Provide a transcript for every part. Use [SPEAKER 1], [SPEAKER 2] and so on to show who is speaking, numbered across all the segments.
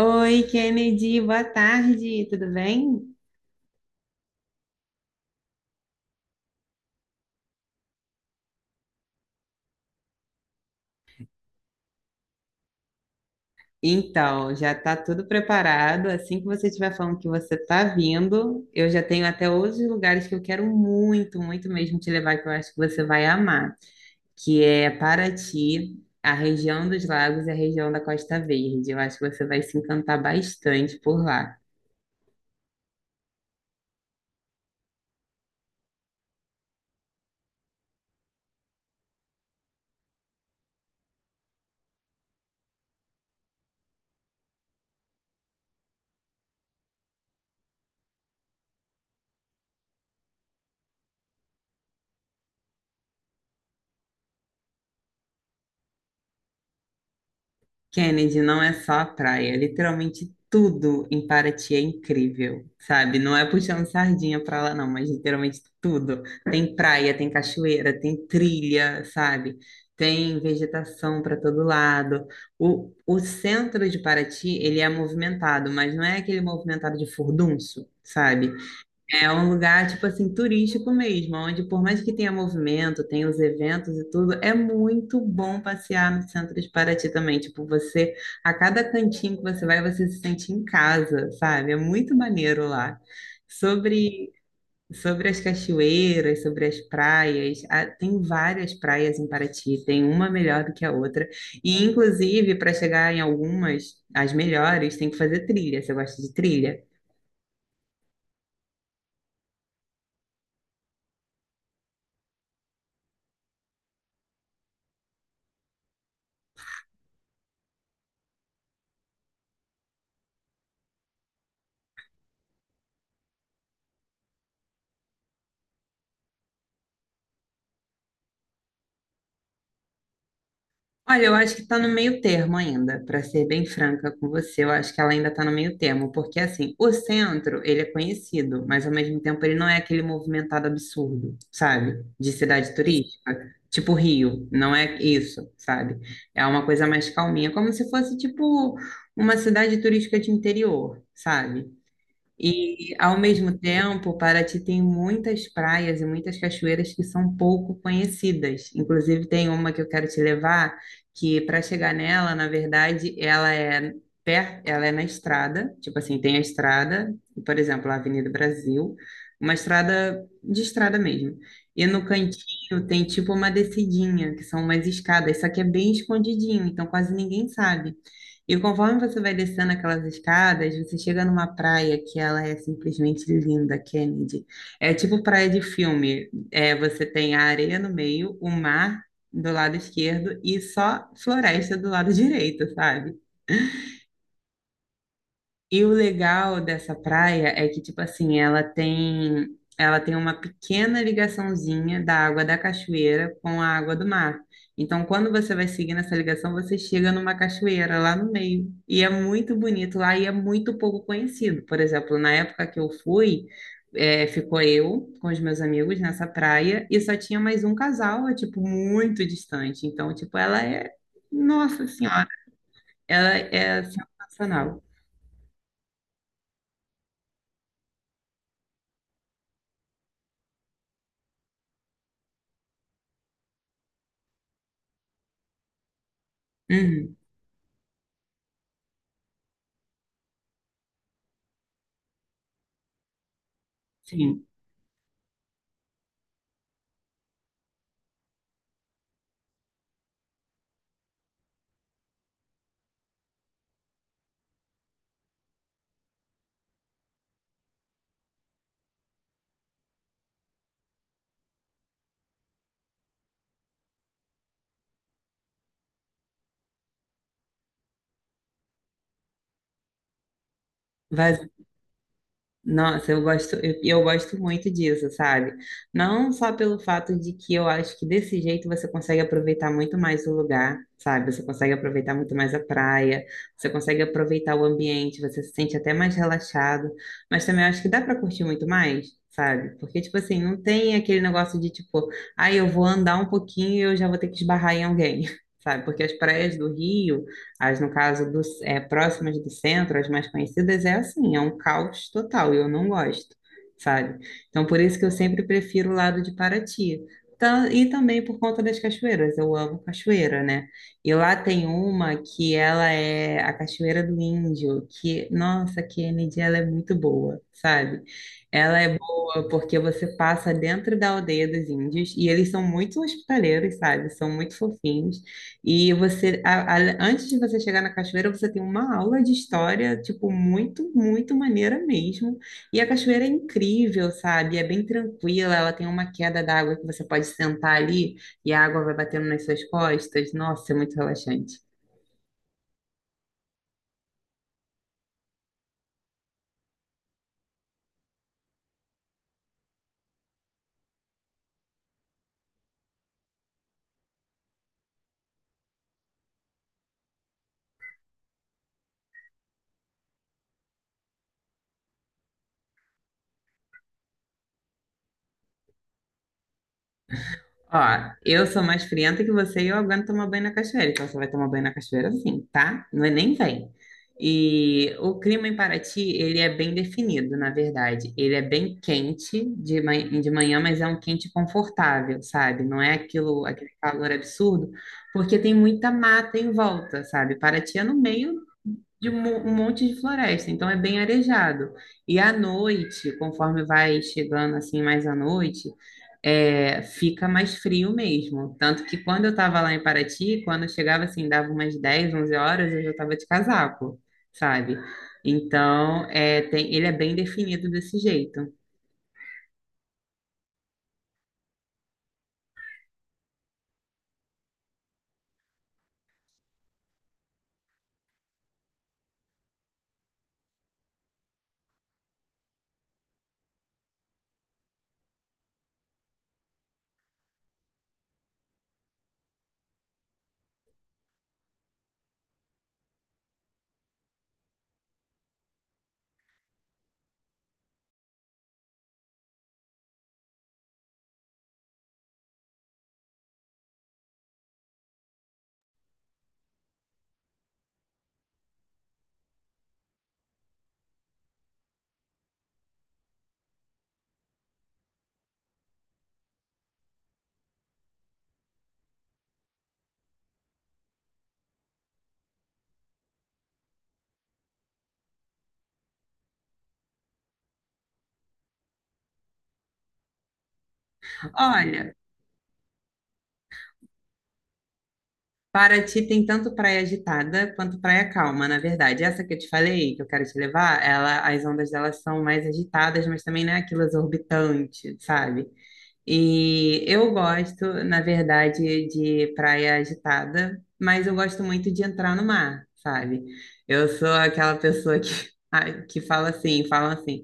[SPEAKER 1] Oi, Kennedy, boa tarde, tudo bem? Então, já está tudo preparado. Assim que você estiver falando que você está vindo, eu já tenho até outros lugares que eu quero muito, muito mesmo te levar, que eu acho que você vai amar, que é Paraty, a região dos lagos e a região da Costa Verde. Eu acho que você vai se encantar bastante por lá. Kennedy, não é só a praia, é literalmente tudo em Paraty é incrível, sabe? Não é puxando sardinha pra lá, não, mas literalmente tudo. Tem praia, tem cachoeira, tem trilha, sabe? Tem vegetação para todo lado. O centro de Paraty, ele é movimentado, mas não é aquele movimentado de furdunço, sabe? É um lugar, tipo assim, turístico mesmo, onde por mais que tenha movimento, tenha os eventos e tudo, é muito bom passear no centro de Paraty também. Tipo, você, a cada cantinho que você vai, você se sente em casa, sabe? É muito maneiro lá. Sobre, sobre as cachoeiras, sobre as praias, ah, tem várias praias em Paraty, tem uma melhor do que a outra. E, inclusive, para chegar em algumas, as melhores, tem que fazer trilha. Você gosta de trilha? Olha, eu acho que está no meio termo ainda, para ser bem franca com você, eu acho que ela ainda está no meio termo, porque assim, o centro, ele é conhecido, mas ao mesmo tempo ele não é aquele movimentado absurdo, sabe? De cidade turística, tipo Rio, não é isso, sabe? É uma coisa mais calminha, como se fosse tipo uma cidade turística de interior, sabe? E, ao mesmo tempo, Paraty tem muitas praias e muitas cachoeiras que são pouco conhecidas. Inclusive, tem uma que eu quero te levar, que para chegar nela, na verdade, ela é ela é na estrada, tipo assim, tem a estrada, por exemplo, a Avenida Brasil, uma estrada de estrada mesmo. E no cantinho tem tipo uma descidinha, que são umas escadas, só que é bem escondidinho, então quase ninguém sabe. E conforme você vai descendo aquelas escadas, você chega numa praia que ela é simplesmente linda, Kennedy. É tipo praia de filme. É, você tem a areia no meio, o mar do lado esquerdo e só floresta do lado direito, sabe? E o legal dessa praia é que, tipo assim, ela tem uma pequena ligaçãozinha da água da cachoeira com a água do mar. Então, quando você vai seguindo essa ligação, você chega numa cachoeira lá no meio. E é muito bonito lá e é muito pouco conhecido. Por exemplo, na época que eu fui, é, ficou eu com os meus amigos nessa praia e só tinha mais um casal, é, tipo, muito distante. Então, tipo, ela é, nossa senhora, ela é sensacional. Uhum, sim. Vaz- Nossa, eu gosto, eu gosto muito disso, sabe? Não só pelo fato de que eu acho que desse jeito você consegue aproveitar muito mais o lugar, sabe? Você consegue aproveitar muito mais a praia, você consegue aproveitar o ambiente, você se sente até mais relaxado, mas também eu acho que dá pra curtir muito mais, sabe? Porque, tipo assim, não tem aquele negócio de tipo, ah, eu vou andar um pouquinho e eu já vou ter que esbarrar em alguém, sabe? Porque as praias do Rio. As, no caso, do, é, próximas do centro, as mais conhecidas, é assim, é um caos total, e eu não gosto, sabe? Então, por isso que eu sempre prefiro o lado de Paraty. E também por conta das cachoeiras, eu amo cachoeira, né? E lá tem uma que ela é a Cachoeira do Índio, que, nossa, que energia ela é muito boa, sabe? Ela é boa porque você passa dentro da aldeia dos índios e eles são muito hospitaleiros, sabe? São muito fofinhos. E você, antes de você chegar na cachoeira, você tem uma aula de história, tipo, muito, muito maneira mesmo. E a cachoeira é incrível, sabe? É bem tranquila, ela tem uma queda d'água que você pode sentar ali e a água vai batendo nas suas costas. Nossa, é muito relaxante. Ó, eu sou mais frienta que você e eu aguento tomar banho na cachoeira. Então você vai tomar banho na cachoeira sim, tá? Não é nem vem. E o clima em Paraty, ele é bem definido, na verdade. Ele é bem quente de manhã, mas é um quente confortável, sabe? Não é aquilo, aquele calor absurdo, porque tem muita mata em volta, sabe? Paraty é no meio de um monte de floresta, então é bem arejado. E à noite, conforme vai chegando assim mais à noite, é, fica mais frio mesmo. Tanto que quando eu estava lá em Paraty, quando eu chegava assim, dava umas 10, 11 horas, eu já estava de casaco, sabe? Então, é, tem, ele é bem definido desse jeito. Olha, Paraty tem tanto praia agitada quanto praia calma, na verdade. Essa que eu te falei, que eu quero te levar, ela, as ondas delas são mais agitadas, mas também não é aquilo exorbitante, sabe? E eu gosto, na verdade, de praia agitada, mas eu gosto muito de entrar no mar, sabe? Eu sou aquela pessoa que, ah, que fala assim,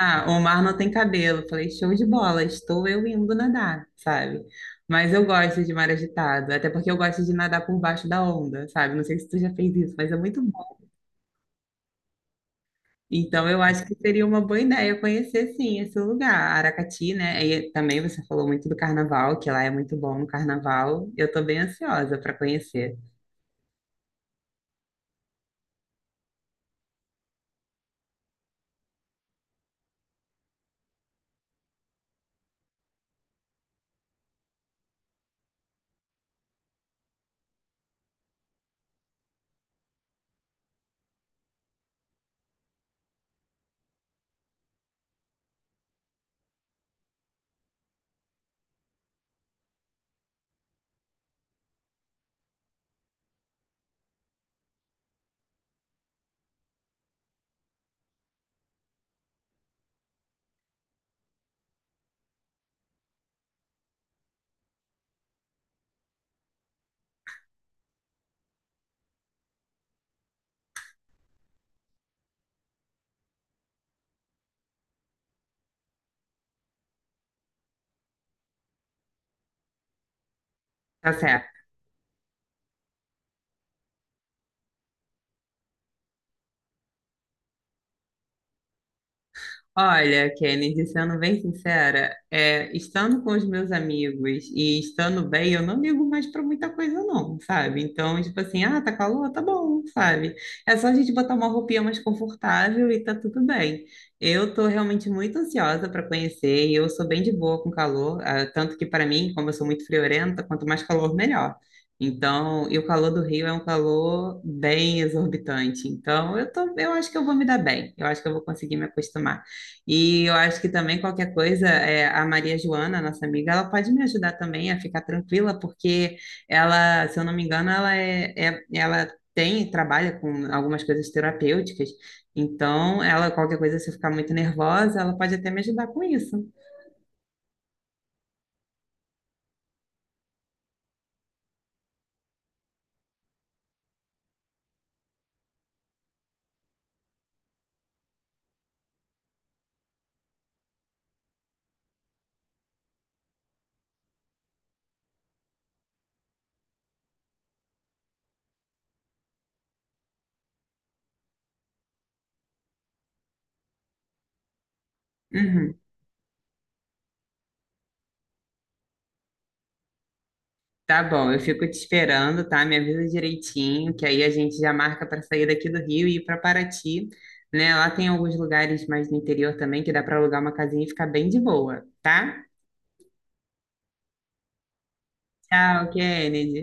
[SPEAKER 1] ah, o mar não tem cabelo. Eu falei, show de bola, estou eu indo nadar, sabe? Mas eu gosto de mar agitado, até porque eu gosto de nadar por baixo da onda, sabe? Não sei se tu já fez isso, mas é muito bom. Então eu acho que seria uma boa ideia conhecer sim esse lugar, Aracati, né? E também você falou muito do carnaval, que lá é muito bom no carnaval. Eu tô bem ansiosa para conhecer. Tá certo. Olha, Kennedy, sendo bem sincera, é, estando com os meus amigos e estando bem, eu não ligo mais para muita coisa, não, sabe? Então, tipo assim, ah, tá calor? Tá bom, sabe? É só a gente botar uma roupinha mais confortável e tá tudo bem. Eu tô realmente muito ansiosa para conhecer, e eu sou bem de boa com calor, ah, tanto que para mim, como eu sou muito friorenta, quanto mais calor, melhor. Então, e o calor do Rio é um calor bem exorbitante. Então, eu tô, eu acho que eu vou me dar bem. Eu acho que eu vou conseguir me acostumar. E eu acho que também qualquer coisa, é, a Maria Joana, nossa amiga, ela pode me ajudar também a ficar tranquila, porque ela, se eu não me engano, ela tem, trabalha com algumas coisas terapêuticas. Então, ela, qualquer coisa, se eu ficar muito nervosa, ela pode até me ajudar com isso. Uhum. Tá bom, eu fico te esperando, tá? Me avisa direitinho, que aí a gente já marca para sair daqui do Rio e ir para Paraty, né? Lá tem alguns lugares mais no interior também que dá para alugar uma casinha e ficar bem de boa, tá? Tchau, Kennedy.